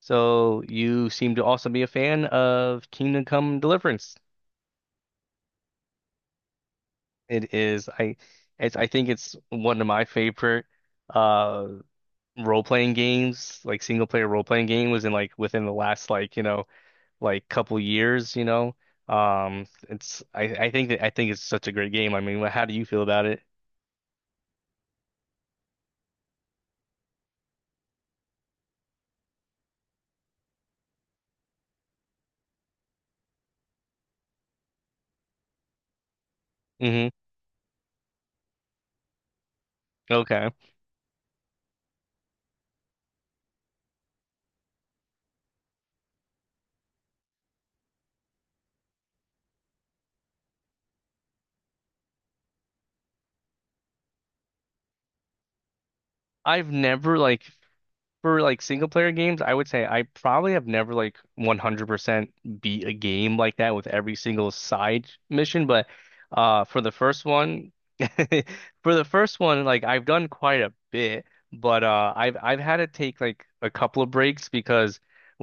So you seem to also be a fan of Kingdom Come Deliverance. It is. I it's I think it's one of my favorite uh role-playing games, like single-player role-playing game was in like within the last like couple years. It's I think that I think it's such a great game. I mean, how do you feel about it? Hmm. Okay. I've never like For like single player games, I would say I probably have never like 100% beat a game like that with every single side mission, but for the first one for the first one, like I've done quite a bit, but I've had to take like a couple of breaks because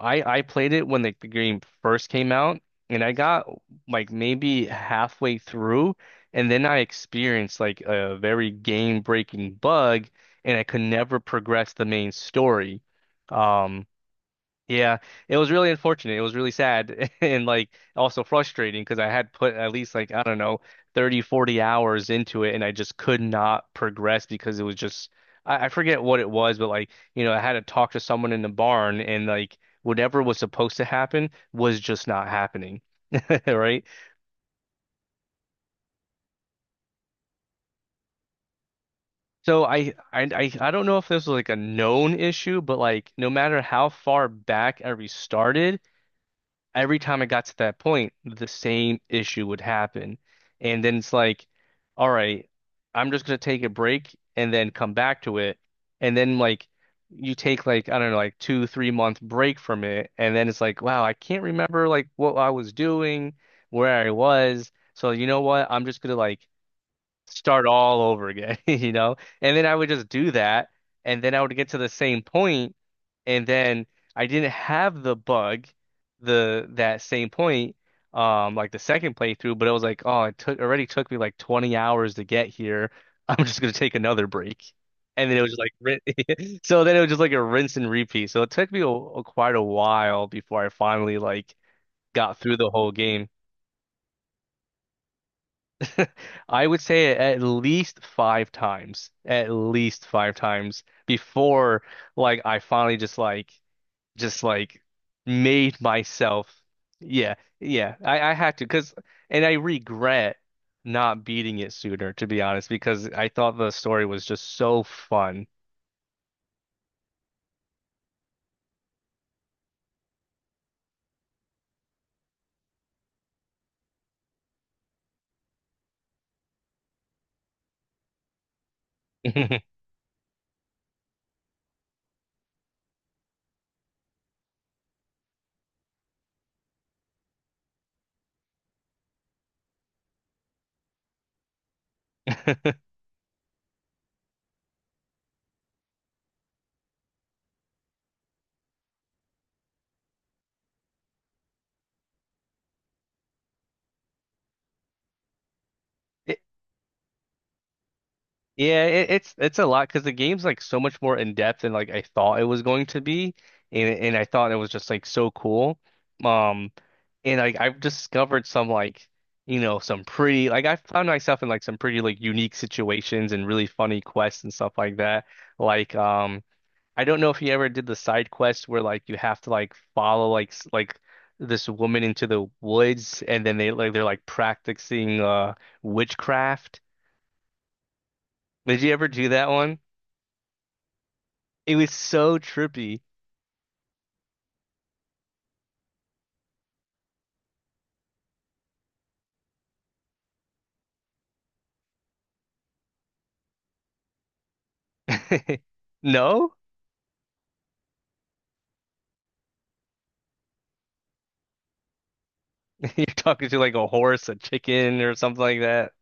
I played it when like the game first came out and I got like maybe halfway through, and then I experienced like a very game-breaking bug and I could never progress the main story. Um, yeah, it was really unfortunate. It was really sad and like also frustrating because I had put at least like, I don't know, 30, 40 hours into it and I just could not progress because it was just, I forget what it was, but like, I had to talk to someone in the barn and like whatever was supposed to happen was just not happening. Right. So I don't know if this was like a known issue, but like no matter how far back I restarted, every time I got to that point, the same issue would happen. And then it's like, all right, I'm just gonna take a break and then come back to it. And then like you take like, I don't know, like 2, 3 month break from it, and then it's like, wow, I can't remember like what I was doing, where I was. So you know what? I'm just gonna like start all over again, you know? And then I would just do that, and then I would get to the same point, and then I didn't have the bug, the that same point, like the second playthrough, but it was like, oh, it took me like 20 hours to get here. I'm just gonna take another break. And then it was just like, so then it was just like a rinse and repeat. So it took me quite a while before I finally like got through the whole game. I would say at least five times, at least five times before like I finally just like made myself. Yeah, yeah. I had to because and I regret not beating it sooner, to be honest, because I thought the story was just so fun. It, yeah, it's a lot because the game's like so much more in depth than like I thought it was going to be, and I thought it was just like so cool. Um. And like I've discovered some like, some pretty like I found myself in like some pretty like unique situations and really funny quests and stuff like that. Like I don't know if you ever did the side quest where like you have to like follow like this woman into the woods, and then they're like practicing witchcraft. Did you ever do that one? It was so trippy. No? You're talking to like a horse, a chicken or something like that.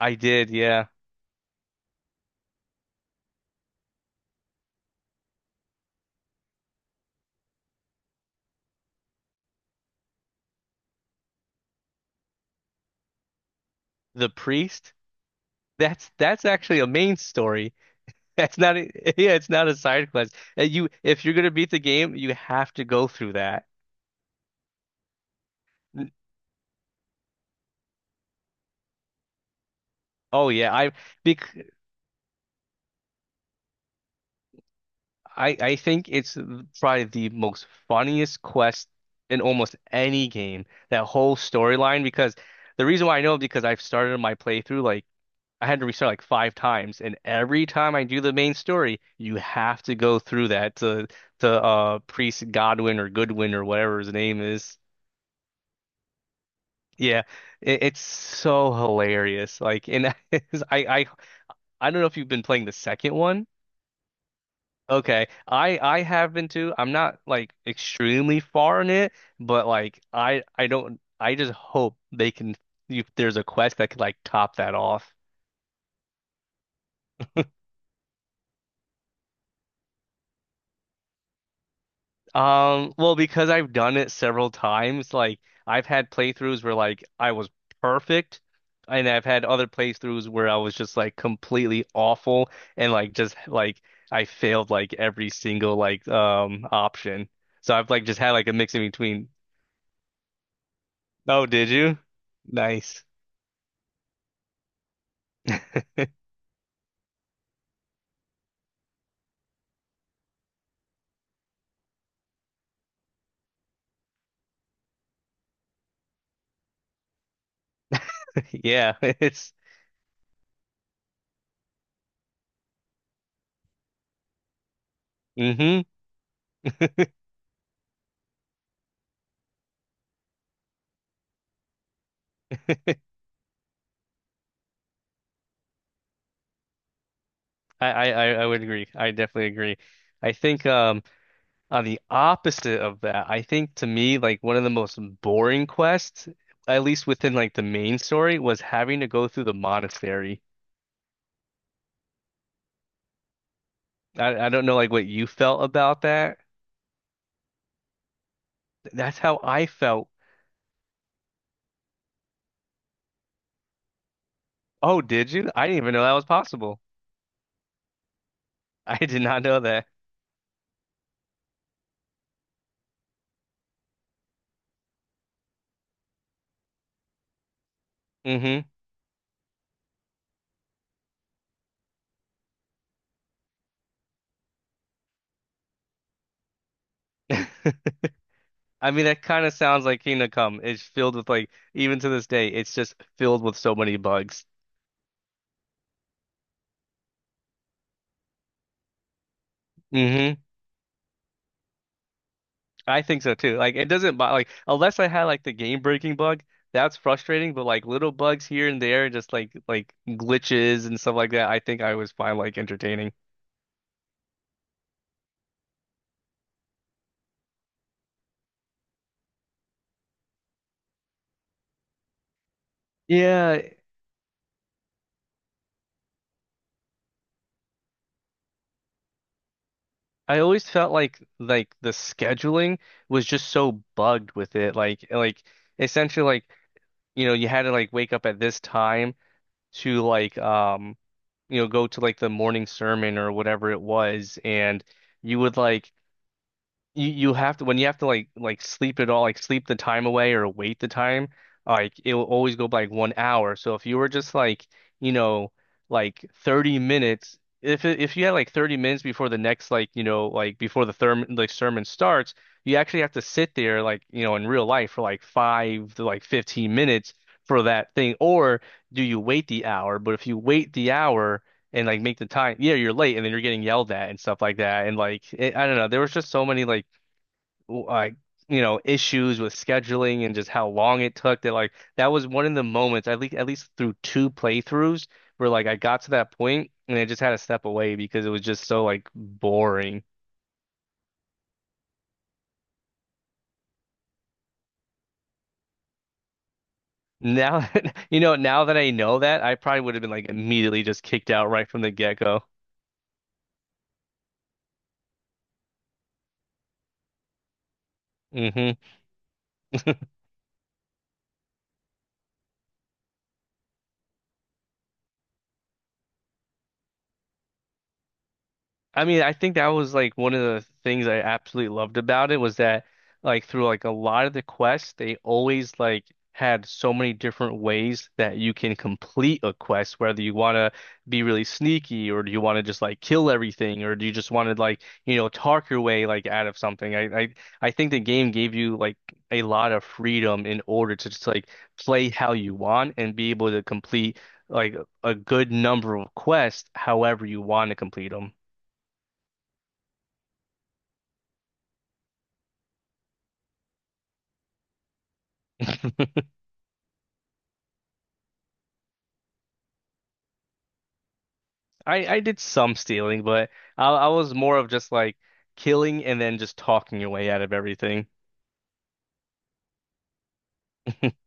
I did, yeah. The priest? That's actually a main story. That's not a, yeah, it's not a side quest. You if you're gonna beat the game, you have to go through that. N- Oh yeah, I bec I think it's probably the most funniest quest in almost any game. That whole storyline, because the reason why I know, because I've started my playthrough like I had to restart like five times, and every time I do the main story, you have to go through that to Priest Godwin or Goodwin or whatever his name is. Yeah, it's so hilarious. Like, and I, I, I don't know if you've been playing the second one. Okay, I have been too. I'm not like extremely far in it, but like, I don't. I just hope they can, if there's a quest that could like top that off. Well, because I've done it several times, like I've had playthroughs where like I was perfect, and I've had other playthroughs where I was just like completely awful and like just like I failed like every single like option. So I've like just had like a mix in between. Oh, did you? Nice. Yeah, it's mm-hmm. I would agree. I definitely agree. I think on the opposite of that, I think to me, like one of the most boring quests, at least within like the main story, was having to go through the monastery. I don't know like what you felt about that. That's how I felt. Oh, did you? I didn't even know that was possible. I did not know that. Hmm. I mean, that kind of sounds like Kingdom Come. It's filled with like, even to this day, it's just filled with so many bugs. Hmm. I think so too. Like it doesn't bother, like, unless I had like the game breaking bug, that's frustrating, but like little bugs here and there, just like glitches and stuff like that, I think I was fine. Like entertaining. Yeah, I always felt like the scheduling was just so bugged with it. Like essentially, like, you had to like wake up at this time to like go to like the morning sermon or whatever it was, and you would like you have to, when you have to like sleep it all, like sleep the time away or wait the time, like it'll always go by like 1 hour. So if you were just like, you know like 30 minutes, if you had like 30 minutes before the next, like, like before the therm like sermon starts, you actually have to sit there, like, in real life for like 5 to like 15 minutes for that thing. Or do you wait the hour? But if you wait the hour and like make the time, yeah, you're late and then you're getting yelled at and stuff like that. And like it, I don't know, there was just so many like issues with scheduling and just how long it took that, like, that was one of the moments, at least through two playthroughs, where like I got to that point and I just had to step away because it was just so like boring. Now now that I know, that I probably would have been like immediately just kicked out right from the get-go. Hmm. I mean, I think that was like one of the things I absolutely loved about it, was that like through like a lot of the quests, they always like had so many different ways that you can complete a quest, whether you want to be really sneaky or do you want to just like kill everything, or do you just want to like, talk your way like out of something. I think the game gave you like a lot of freedom in order to just like play how you want and be able to complete like a good number of quests however you want to complete them. I did some stealing, but I was more of just like killing and then just talking your way out of everything.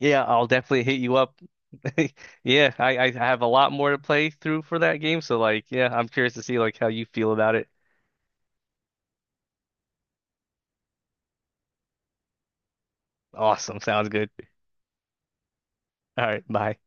Yeah, I'll definitely hit you up. Yeah, I have a lot more to play through for that game, so like yeah, I'm curious to see like how you feel about it. Awesome, sounds good. All right, bye.